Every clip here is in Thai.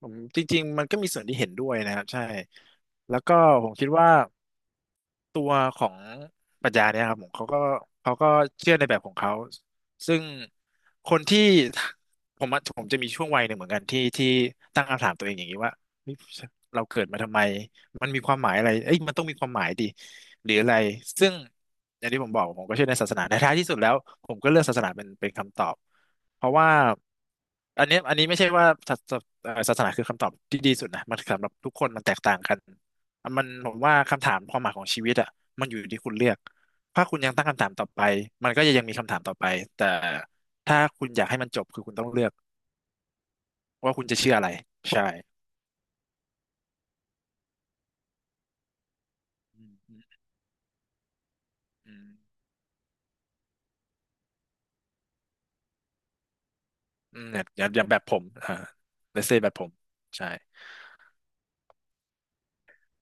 ผมจริงๆมันก็มีส่วนที่เห็นด้วยนะครับใช่แล้วก็ผมคิดว่า ตัวของปรัชญาเนี่ยครับผมเขาก็เชื่อในแบบของเขาซึ่งคนที่ผมอะผมจะมีช่วงวัยหนึ่งเหมือนกันที่ตั้งคำถามตัวเองอย่างนี้ว่าเฮ้ยเราเกิดมาทำไมมันมีความหมายอะไรเอ้ยมันต้องมีความหมายดิหรืออะไรซึ่งอย่างที่ผมบอกผมก็เชื่อในศาสนาในท้ายที่สุดแล้วผมก็เลือกศาสนาเป็นคำตอบเพราะว่าอันเนี้ยอันนี้ไม่ใช่ว่าศาสศาสนาคือคำตอบที่ดีสุดนะมันสำหรับทุกคนมันแตกต่างกัน มันผมว่าคำถามความหมายของชีวิตอ่ะมันอยู่ที่คุณเลือกถ้าคุณยังตั้งคำถามต่อไปมันก็จะยังมีคำถามต่อไปแต่ถ้าคุณอยากให้มันจบคือคุณต้องเลือกว่าคุณจะเชื่ออะไรใช่อืมอืมอืมอืมเนี่ยอย่างแบบผมอ่าเลเซแบบผมใช่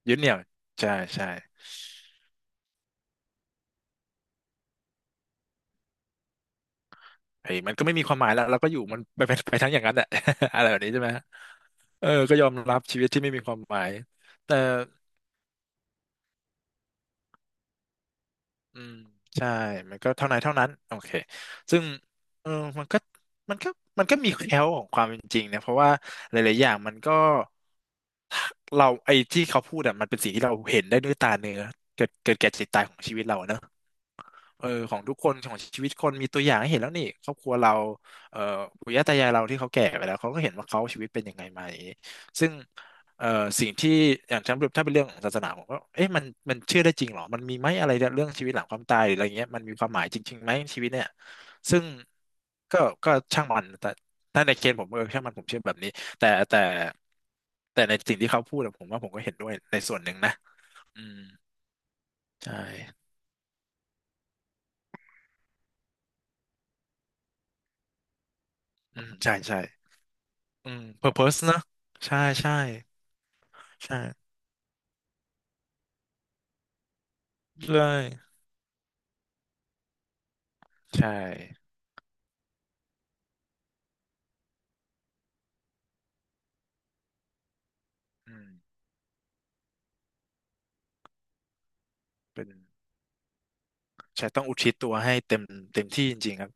ยึดเหนี่ยวใช่ใช่ไอ้ยมันก็ไม่มีความหมายแล้วเราก็อยู่มันไปไปไปทั้งอย่างนั้นแหละ อะไรแบบนี้ใช่ไหมเออก็ยอมรับชีวิตที่ไม่มีความหมายแต่ อืมใช่ มันก็เท่านั้นเท่านั้นโอเคซึ่งเออมันก็มันก็มันก็มีแคล้วของความเป็นจริงนะเพราะว่าหลายๆอย่างมันก็เราไอ้ที่เขาพูดอะมันเป็นสิ่งที่เราเห็นได้ด้วยตาเนื้อเกิดแก่เจ็บตายของชีวิตเราเนอะ เออของทุกคนของชีวิตคนมีตัวอย่างให้เห็นแล้วนี่ครอบครัวเราเอ่อปู่ย่าตายายเราที่เขาแก่ไปแล้วเขาก็เห็นว่าเขาชีวิตเป็นยังไงมาอย่างนี้ซึ่งเอ่อสิ่งที่อย่างฉันถ้าเป็นเรื่องของศาสนาผมก็เอ๊ะมันเชื่อได้จริงเหรอมันมีไหมอะไรเรื่องชีวิตหลังความตายหรืออะไรเงี้ยมันมีความหมายจริงๆไหมชีวิตเนี่ยซึ่งก็ก็ช่างมันแต่ถ้าในเคสผมเออช่างมันผมเชื่อแบบนี้แต่แต่แต่ในสิ่งที่เขาพูดอะผมว่าผมก็เห็นด้วยในส่วนหนึ่งนะอืมใช่อืมใช่ใช่ อืม purpose นะใช่ใช่ใช่ใช่ใช่อืมเป็นใช่ต้องอุทิศตัวให้เต็มเต็มที่จริงๆครับ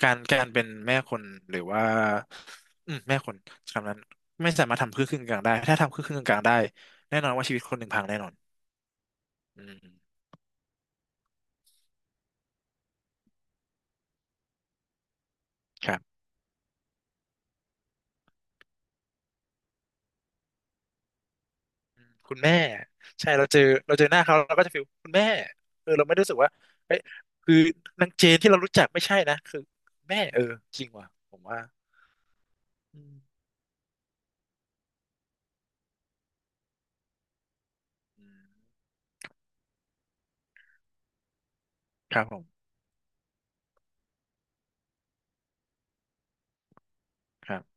การเป็นแม่คนหรือว่าอืมแม่คนคำนั้นไม่สามารถทำครึ่งกลางๆได้ถ้าทำครึ่งกลางๆได้แน่นอนว่าชีวิตคนหนึ่งพังแน่นอนอืมครับคุณแม่ใช่เราเจอหน้าเขาเราก็จะฟีลคุณแม่เออเราไม่ได้รู้สึกว่าเอ้ยคือนางเจนที่เรารู้จักไม่ใช่นะคือแม่เออจริงว่ะผมว่าอืม ครับผมครับ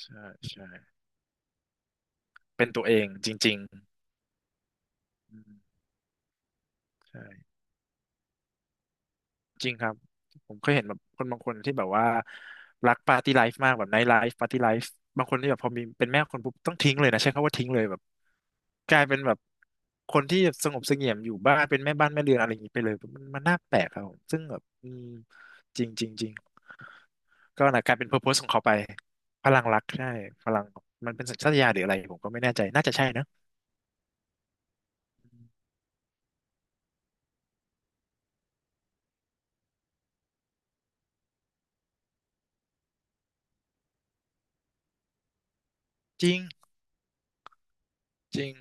ใช่ใช่เป็นตัวเองจริงๆอืมใช่จริงครับผมเคยเห็นแบบคนบางคนที่แบบว่ารักปาร์ตี้ไลฟ์มากแบบไนท์ไลฟ์ปาร์ตี้ไลฟ์บางคนที่แบบพอมีเป็นแม่คนปุ๊บต้องทิ้งเลยนะใช้คำว่าทิ้งเลยแบบกลายเป็นแบบคนที่แบบสงบเสงี่ยมอยู่บ้านเป็นแม่บ้านแม่เรือนอะไรอย่างนี้ไปเลยมันน่าแปลกครับผมซึ่งแบบอืมจริงจริงจริงก็นะกลายเป็นเพอร์โพสของเขาไปพลังรักใช่พลังมันเป็นสัญชาตญาณหรืออะไรผมก็ไม่แน่ใจน่าจะใช่นะจริงจริง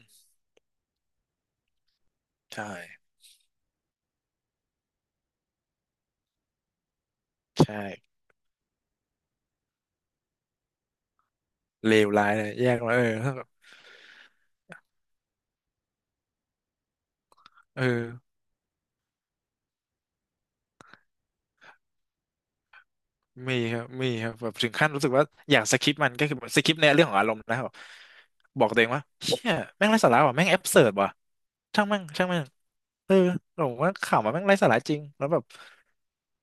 ใช่ใช่เลวร้ายเลยแยกมาเออถ้าแบบเออมีครับมีครับแบบถึงขั้นรู้สึกว่าอยากสคิปมันก็คือสคิปในเรื่องของอารมณ์แล้วแบบบอกตัวเองว่าเชี่ยแม่งไร้สาระว่ะแม่งแอบเสิร์ดว่ะช่างแม่งช่างแม่งเออผมว่าข่าวมันแม่งไร้สาระจริงแล้วแบบ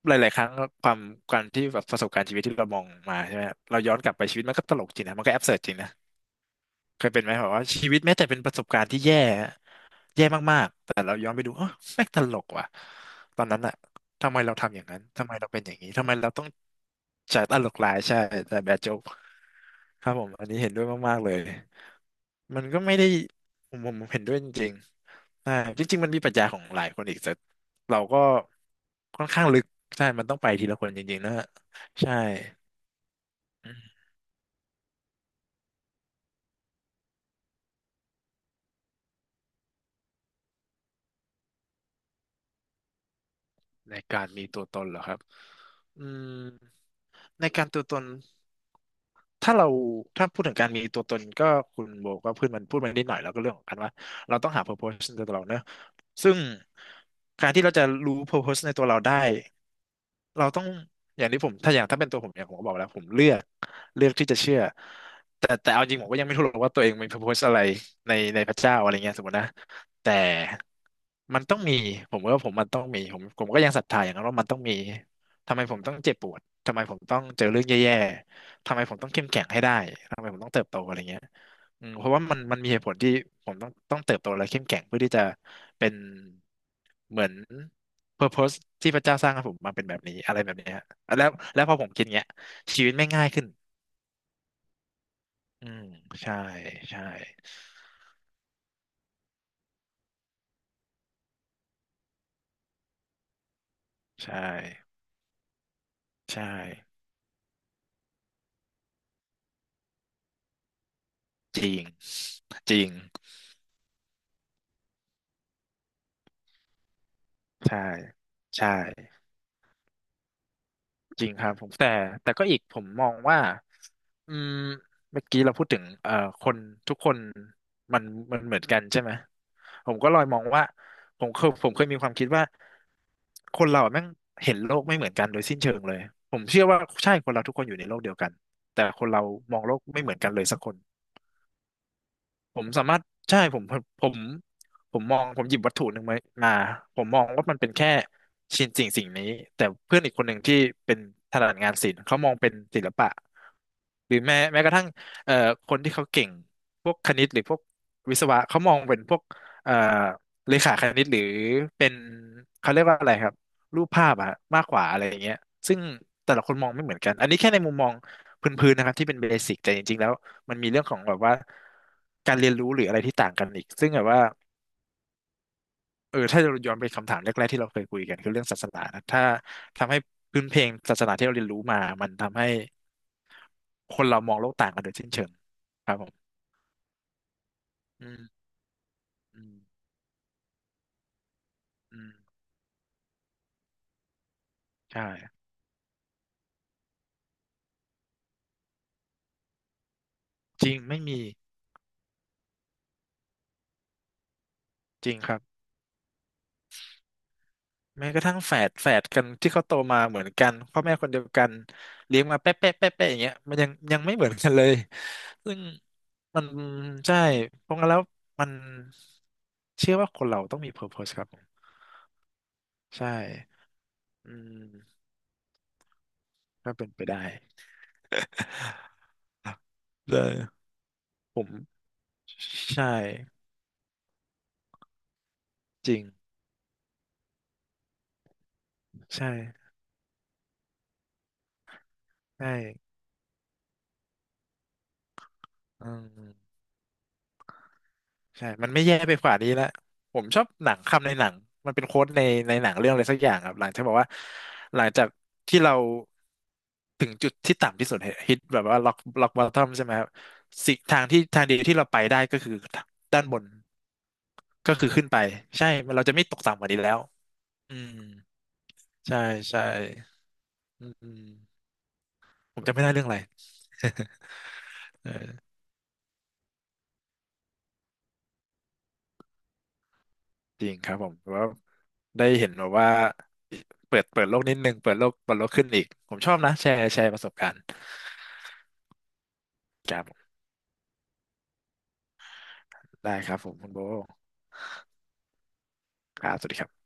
หลายๆครั้งความการที่แบบประสบการณ์ชีวิตที่เรามองมาใช่ไหมเราย้อนกลับไปชีวิตมันก็ตลกจริงนะมันก็แอบเสิร์ดจริงนะเคยเป็นไหมแบบว่าชีวิตแม้แต่เป็นประสบการณ์ที่แย่ แย่มากๆ แต่เราย้อนไปดูเออแม่งตลกว่ะตอนนั้นอะทำไมเราทำอย่างนั้นทำไมเราเป็นอย่างนี้ทำไมเราต้องจ่ายตลกหลายใช่แต่แบดโจ๊กครับผมอันนี้เห็นด้วยมากๆเลยมันก็ไม่ได้ผมเห็นด้วยจริงๆใช่จริงๆมันมีปรัชญาของหลายคนอีกแต่เราก็ค่อนข้างลึกใช่มันต้องไปทีละคนจริงๆนะฮะใช่อืมในการมีตัวตนเหรอครับอืมในการตัวตน ถ้าเราถ้าพูดถึงการมีตัวตนก็คุณโบก็พูดมันนิดหน่อยแล้วก็เรื่องของการว่าเราต้องหา purpose ในตัวเราเนอะซึ่งการที่เราจะรู้ purpose ในตัวเราได้ เราต้องอย่างที่ผมถ้าอย่างถ้าเป็นตัวผมเนี่ยผมก็บอกแล้วผมเลือกที่จะเชื่อแต่เอาจริงผมก็ยังไม่รู้หรอกว่าตัวเองมี purpose อะไรในพระเจ้าอะไรเงี้ยสมมตินะแต่มันต้องมีผมว่าผมมันต้องมีผมผมก็ยังศรัทธาอย่างนั้นว่ามันต้องมีทำไมผมต้องเจ็บปวดทำไมผมต้องเจอเรื่องแย่ๆทำไมผมต้องเข้มแข็งให้ได้ทำไมผมต้องเติบโตอะไรเงี้ยอืมเพราะว่ามันมีเหตุผลที่ผมต้องเติบโตและเข้มแข็งเพื่อที่จะเป็นเหมือน purpose ที่พระเจ้าสร้างให้ผมมาเป็นแบบนี้อะไรแบบเนี้ยแล้วแล้วพอผมคิดเงี้ยชีวิตไม่ง่ายขึ้นอืมใช่ใช่ใช่ใช่จริงจริงใช่ใช่ จริงครับผมแต่แต่ก็อีกผมมองว่าอืมเมื่อกี้เราพูดถึงคนทุกคนมันมันเหมือนกันใช่ไหมผมก็เลอยมองว่าผมเคยมีความคิดว่าคนเราอะแม่งเห็นโลกไม่เหมือนกันโดยสิ้นเชิงเลยผมเชื่อว่าใช่คนเราทุกคนอยู่ในโลกเดียวกันแต่คนเรามองโลกไม่เหมือนกันเลยสักคน ผมสามารถใช่ผมผมมองผมหยิบวัตถุหนึ่งไว้มาผมมองว่ามันเป็นแค่ชิ้นสิ่งนี้แต่เพื่อนอีกคนหนึ่งที่เป็นถนัดงานศิลป์เขามองเป็นศิลปะหรือแม้กระทั่งเอ่อคนที่เขาเก่งพวกคณิตหรือพวกวิศวะเขามองเป็นพวกเอ่อเลขาคณิตหรือเป็นเขาเรียกว่าอะไรครับรูปภาพอะมากกว่าอะไรอย่างเงี้ยซึ่งแต่ละคนมองไม่เหมือนกันอันนี้แค่ในมุมมองพื้นๆนะครับที่เป็นเบสิกแต่จริงๆแล้ว มันมีเรื่องของแบบว่าการเรียนรู้หรืออะไรที่ต่างกันอีกซึ่งแบบว่าเออถ้าเราย้อนไปคำถามแรกๆที่เราเคยคุยกันคือเรื่องศาสนานะถ้าทำให้พื้นเพลงศาสนาที่เราเรียนรู้มามันทำให้คนเรามองโลกต่างกันโดยสิ้นเชิงครับผมอืมอืมอืมใช่จริงไม่มีจริงครับ แม้กระทั่งแฝดกันที่เขาโตมาเหมือนกันพ่อแม่คนเดียวกันเลี้ยงมาเป๊ะเป๊ะอย่างเงี้ยมันยังไม่เหมือนกันเลยซึ่งมันใช่เพราะงั้นแล้วมันเชื่อว่าคนเราต้องมี purpose ครับผมใช่อืมก็เป็นไปได้ เลยผมใช่จริงใช่ใช่อืม ใช่ มันไม่แย่ไปกว่านี้แล้วผมชอบหนังคำในหนัง มันเป็นโค้ดในในหนังเรื่องอะไรสักอย่างครับ หลังจากบอกว่าหลังจากที่เราถึงจุดที่ต่ำที่สุดฮิตแบบว่าล็อกบอททอมใช่ไหมครับสิทางเดียวที่เราไปได้ก็คือด้านบนก็คือขึ้นไปใช่มันเราจะไม่ตกต่ำกว่านี้แล้วอืมใช่ใช่อืมผมจำไม่ได้เรื่องอะไร จริงครับผมว่าได้เห็นแบบว่าเปิดโลกนิดนึงเปิดโลกขึ้นอีกผมชอบนะแชร์ประสบการณ์ครับผมได้ครับผมคุณโบครับสวัสดีครับ